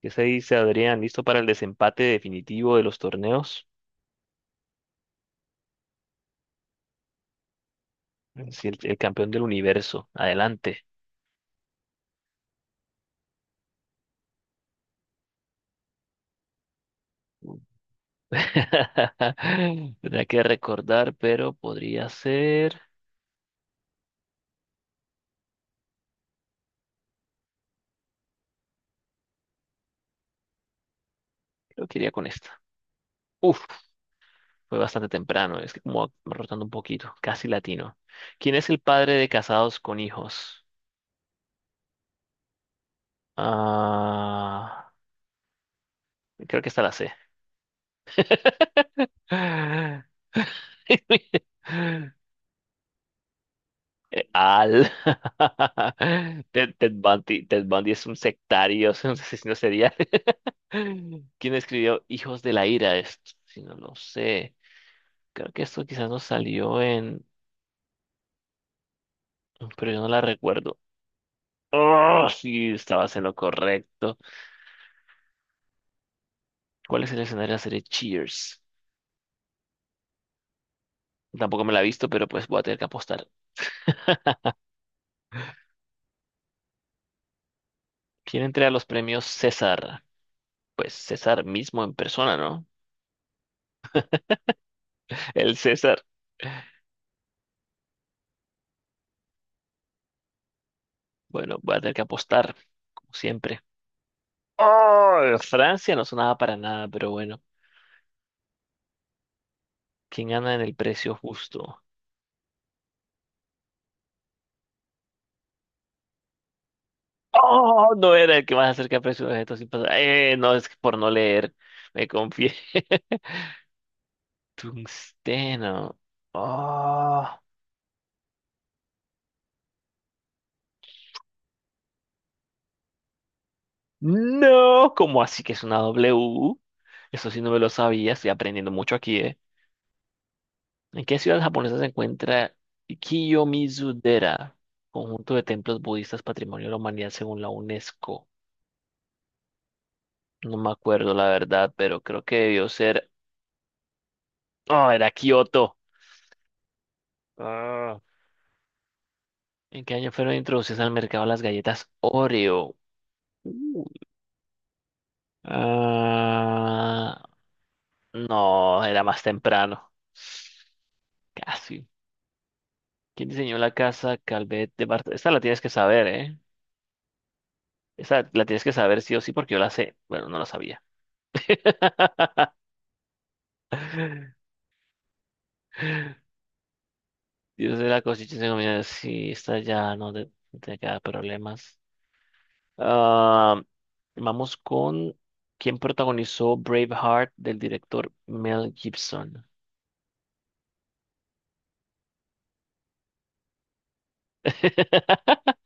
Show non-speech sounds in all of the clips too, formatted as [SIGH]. ¿Qué se dice, Adrián? ¿Listo para el desempate definitivo de los torneos? Sí, el campeón del universo. Adelante. [LAUGHS] Tendría que recordar, pero podría ser. Creo que iría con esta. Uf, fue bastante temprano. Es que como rotando un poquito. Casi latino. ¿Quién es el padre de casados con hijos? Ah, creo que esta la sé. [LAUGHS] Al. [LAUGHS] Ted Bundy, Ted Bundy es un sectario, [LAUGHS] es un asesino serial. [LAUGHS] ¿Quién escribió Hijos de la Ira? Esto, si no lo sé. Creo que esto quizás nos salió en... Pero yo no la recuerdo. Oh, sí, estabas en lo correcto. ¿Cuál es el escenario de la serie Cheers? Tampoco me la he visto, pero pues voy a tener que apostar. ¿Quién entrega los premios César? Pues César mismo en persona, ¿no? El César. Bueno, voy a tener que apostar, como siempre. Oh, Francia no sonaba para nada, pero bueno. ¿Quién gana en el precio justo? Oh, no era el que más acerca al precio de objetos sin pasar. No, es que por no leer. Me confié. [LAUGHS] Tungsteno. Oh, no. ¿Cómo así que es una W? Eso sí no me lo sabía. Estoy aprendiendo mucho aquí, ¿eh? ¿En qué ciudad japonesa se encuentra Kiyomizu-dera? Conjunto de templos budistas patrimonio de la humanidad según la UNESCO. No me acuerdo la verdad, pero creo que debió ser. Oh, era Kioto. Ah, ¿En qué año fueron introducidas al mercado las galletas Oreo? Uy. Ah, no, era más temprano. Casi. ¿Quién diseñó la casa Calvet de Bart? Esta la tienes que saber, ¿eh? Esta la tienes que saber sí o sí porque yo la sé. Bueno, no la sabía. [LAUGHS] Dios de la cosecha se comía. Sí, esta ya no te queda problemas. Ah, vamos con quién protagonizó Braveheart del director Mel Gibson. [LAUGHS]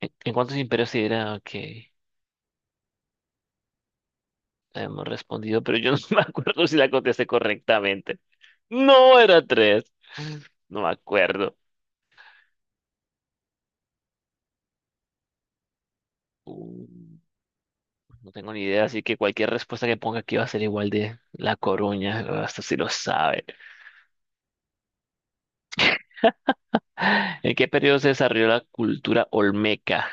¿En cuántos imperios se dirá? Ok, la hemos respondido, pero yo no [LAUGHS] me acuerdo si la contesté correctamente. No, era tres. No me acuerdo. Uh, no tengo ni idea, así que cualquier respuesta que ponga aquí va a ser igual de La Coruña. Hasta si lo sabe. ¿En qué periodo se desarrolló la cultura olmeca?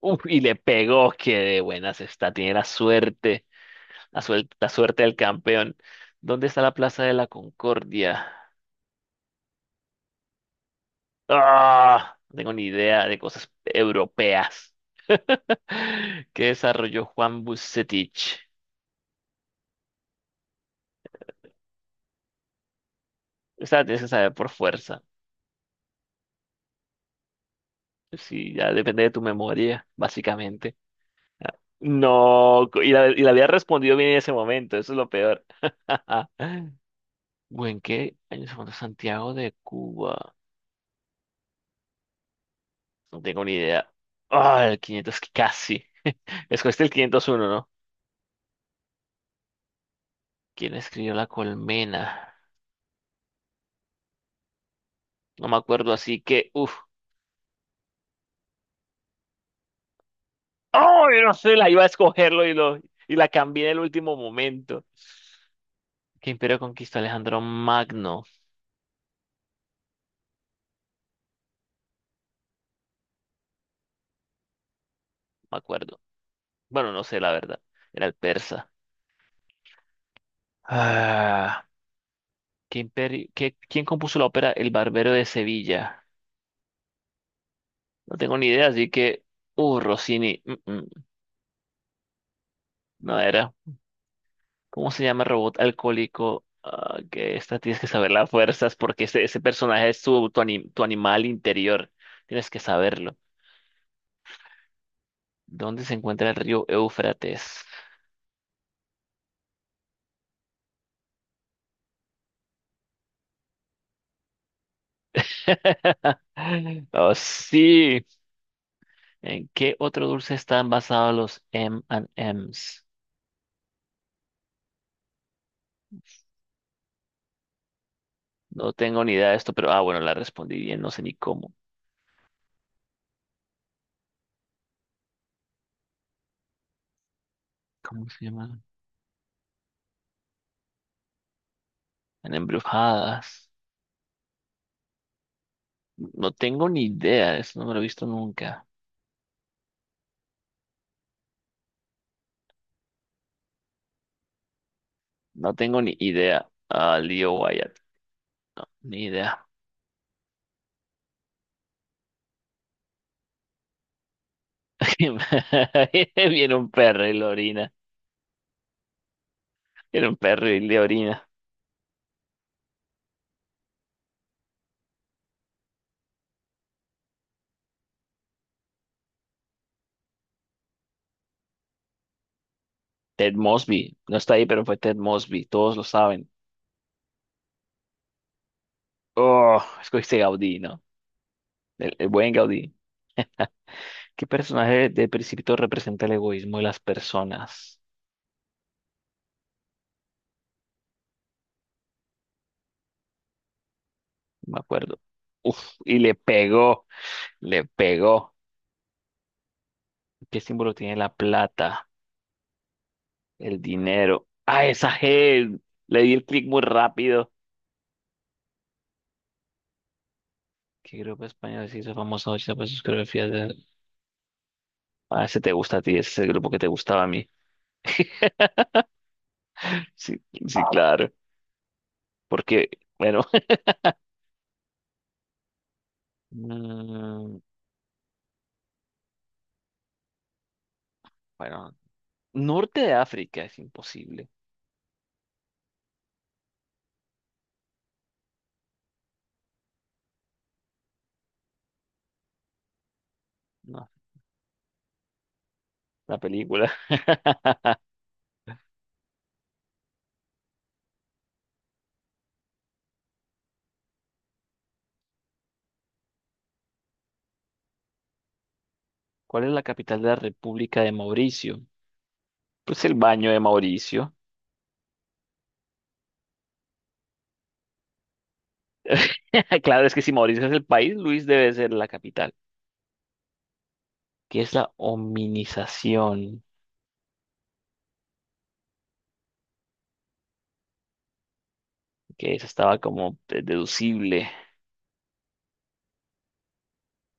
Uf, y le pegó, que de buenas está, tiene la suerte, la suerte del campeón. ¿Dónde está la Plaza de la Concordia? Ah, no tengo ni idea de cosas europeas. [GASPS] [LAUGHS] ¿Qué desarrolló Juan Bucetich? Esa la tienes que saber por fuerza. Sí, ya depende de tu memoria, básicamente. Ah, no, y la había respondido bien en ese momento, eso es lo peor. [LAUGHS] ¿O en qué año se fundó Santiago de Cuba? No tengo ni idea. Ah, el 500, que casi. Escogiste el 501, ¿no? ¿Quién escribió La Colmena? No me acuerdo, así que, uff. ¡Oh! Yo no sé, la iba a escogerlo y la cambié en el último momento. ¿Qué imperio conquistó Alejandro Magno? Me acuerdo. Bueno, no sé, la verdad. Era el persa. Ah, quién compuso la ópera El Barbero de Sevilla? No tengo ni idea, así que, Rossini. No era. ¿Cómo se llama el robot alcohólico? Ah, que esta tienes que saber las fuerzas porque ese personaje es tu, tu animal interior. Tienes que saberlo. ¿Dónde se encuentra el río Éufrates? [LAUGHS] Oh, sí. ¿En qué otro dulce están basados los M and M's? No tengo ni idea de esto, pero ah, bueno, la respondí bien, no sé ni cómo. ¿Cómo se llama? En embrujadas. No tengo ni idea, eso no me lo he visto nunca. No tengo ni idea. Ah, Leo Wyatt, ni idea. [LAUGHS] Viene un perro y le orina. Viene un perro y le orina. Ted Mosby. No está ahí, pero fue Ted Mosby. Todos lo saben. Oh, escogiste Gaudí, ¿no? El buen Gaudí. ¿Qué personaje de Principito representa el egoísmo de las personas? No me acuerdo. Uf, y le pegó. Le pegó. ¿Qué símbolo tiene la plata? El dinero. ¡Ah, esa G! Le di el clic muy rápido. ¿Qué grupo español se hizo famoso? Noche, pues sus coreografías de... Ah, ese te gusta a ti, ese es el grupo que te gustaba a mí. Sí, sí, claro. Porque, bueno, [LAUGHS] mm, bueno, norte de África es imposible, ¿no? La película. [LAUGHS] ¿Cuál es la capital de la República de Mauricio? Pues el baño de Mauricio. [LAUGHS] Claro, es que si Mauricio es el país, Luis debe ser la capital. ¿Qué es la hominización? Que eso estaba como deducible.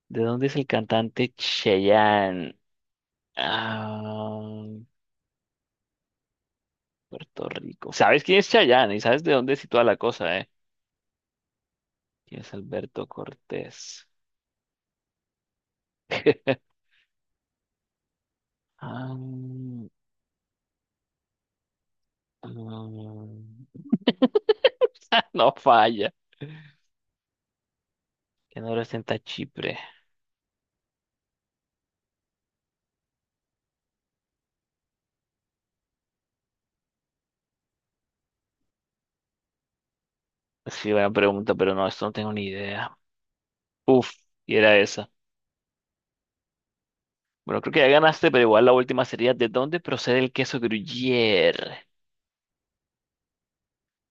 ¿De dónde es el cantante Cheyenne? Ah, Puerto Rico. ¿Sabes quién es Cheyenne Y sabes de dónde es toda la cosa, ¿eh? ¿Quién es Alberto Cortés? [LAUGHS] Ah, mm, [LAUGHS] no falla. ¿Qué no representa Chipre? Sí, buena pregunta, pero no, esto no tengo ni idea. Uf, y era esa. Bueno, creo que ya ganaste, pero igual la última sería ¿de dónde procede el queso Gruyère?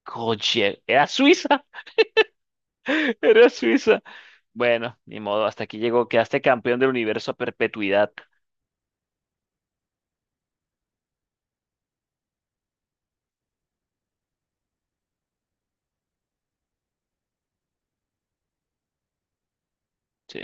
Gruyère. ¿Era Suiza? [LAUGHS] Era Suiza. Bueno, ni modo, hasta aquí llegó. Quedaste campeón del universo a perpetuidad. Sí.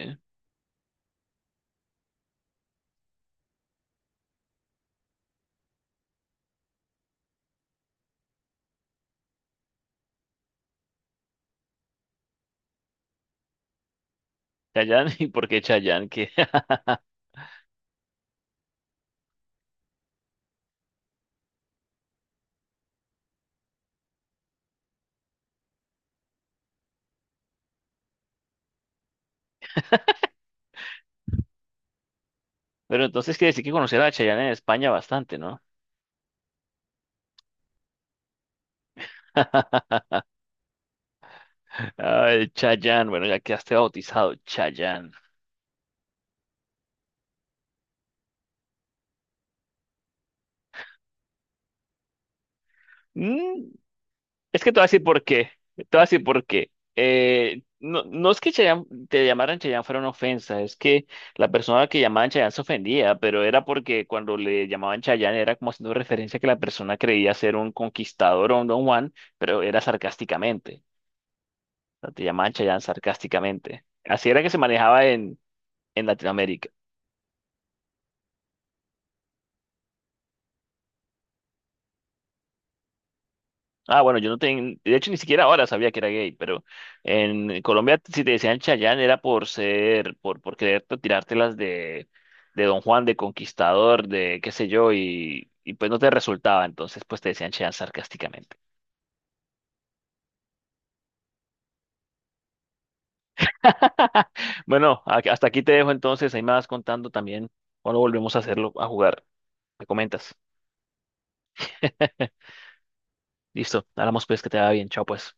Chayanne, [LAUGHS] ¿y por qué Chayanne? ¿Qué? [LAUGHS] Pero entonces quiere decir que conocer a Chayanne en España bastante, ¿no? [LAUGHS] Ay, Chayanne, bueno, ya quedaste bautizado, Chayanne. Mm, es que te voy a decir por qué, te voy a decir por qué. No, no es que te llamaran Chayanne fuera una ofensa, es que la persona que llamaban Chayanne se ofendía, pero era porque cuando le llamaban Chayanne era como haciendo referencia a que la persona creía ser un conquistador o un Don Juan, pero era sarcásticamente. O sea, te llamaban Chayanne sarcásticamente. Así era que se manejaba en Latinoamérica. Ah, bueno, yo no tengo, de hecho ni siquiera ahora sabía que era gay, pero en Colombia si te decían Chayán era por ser, por querer tirártelas de Don Juan, de Conquistador, de qué sé yo, y pues no te resultaba, entonces pues te decían Chayán sarcásticamente. [LAUGHS] Bueno, hasta aquí te dejo entonces, ahí me vas contando también cuando volvemos a hacerlo, a jugar, me comentas. [LAUGHS] Listo, hablamos pues que te va bien, chao pues.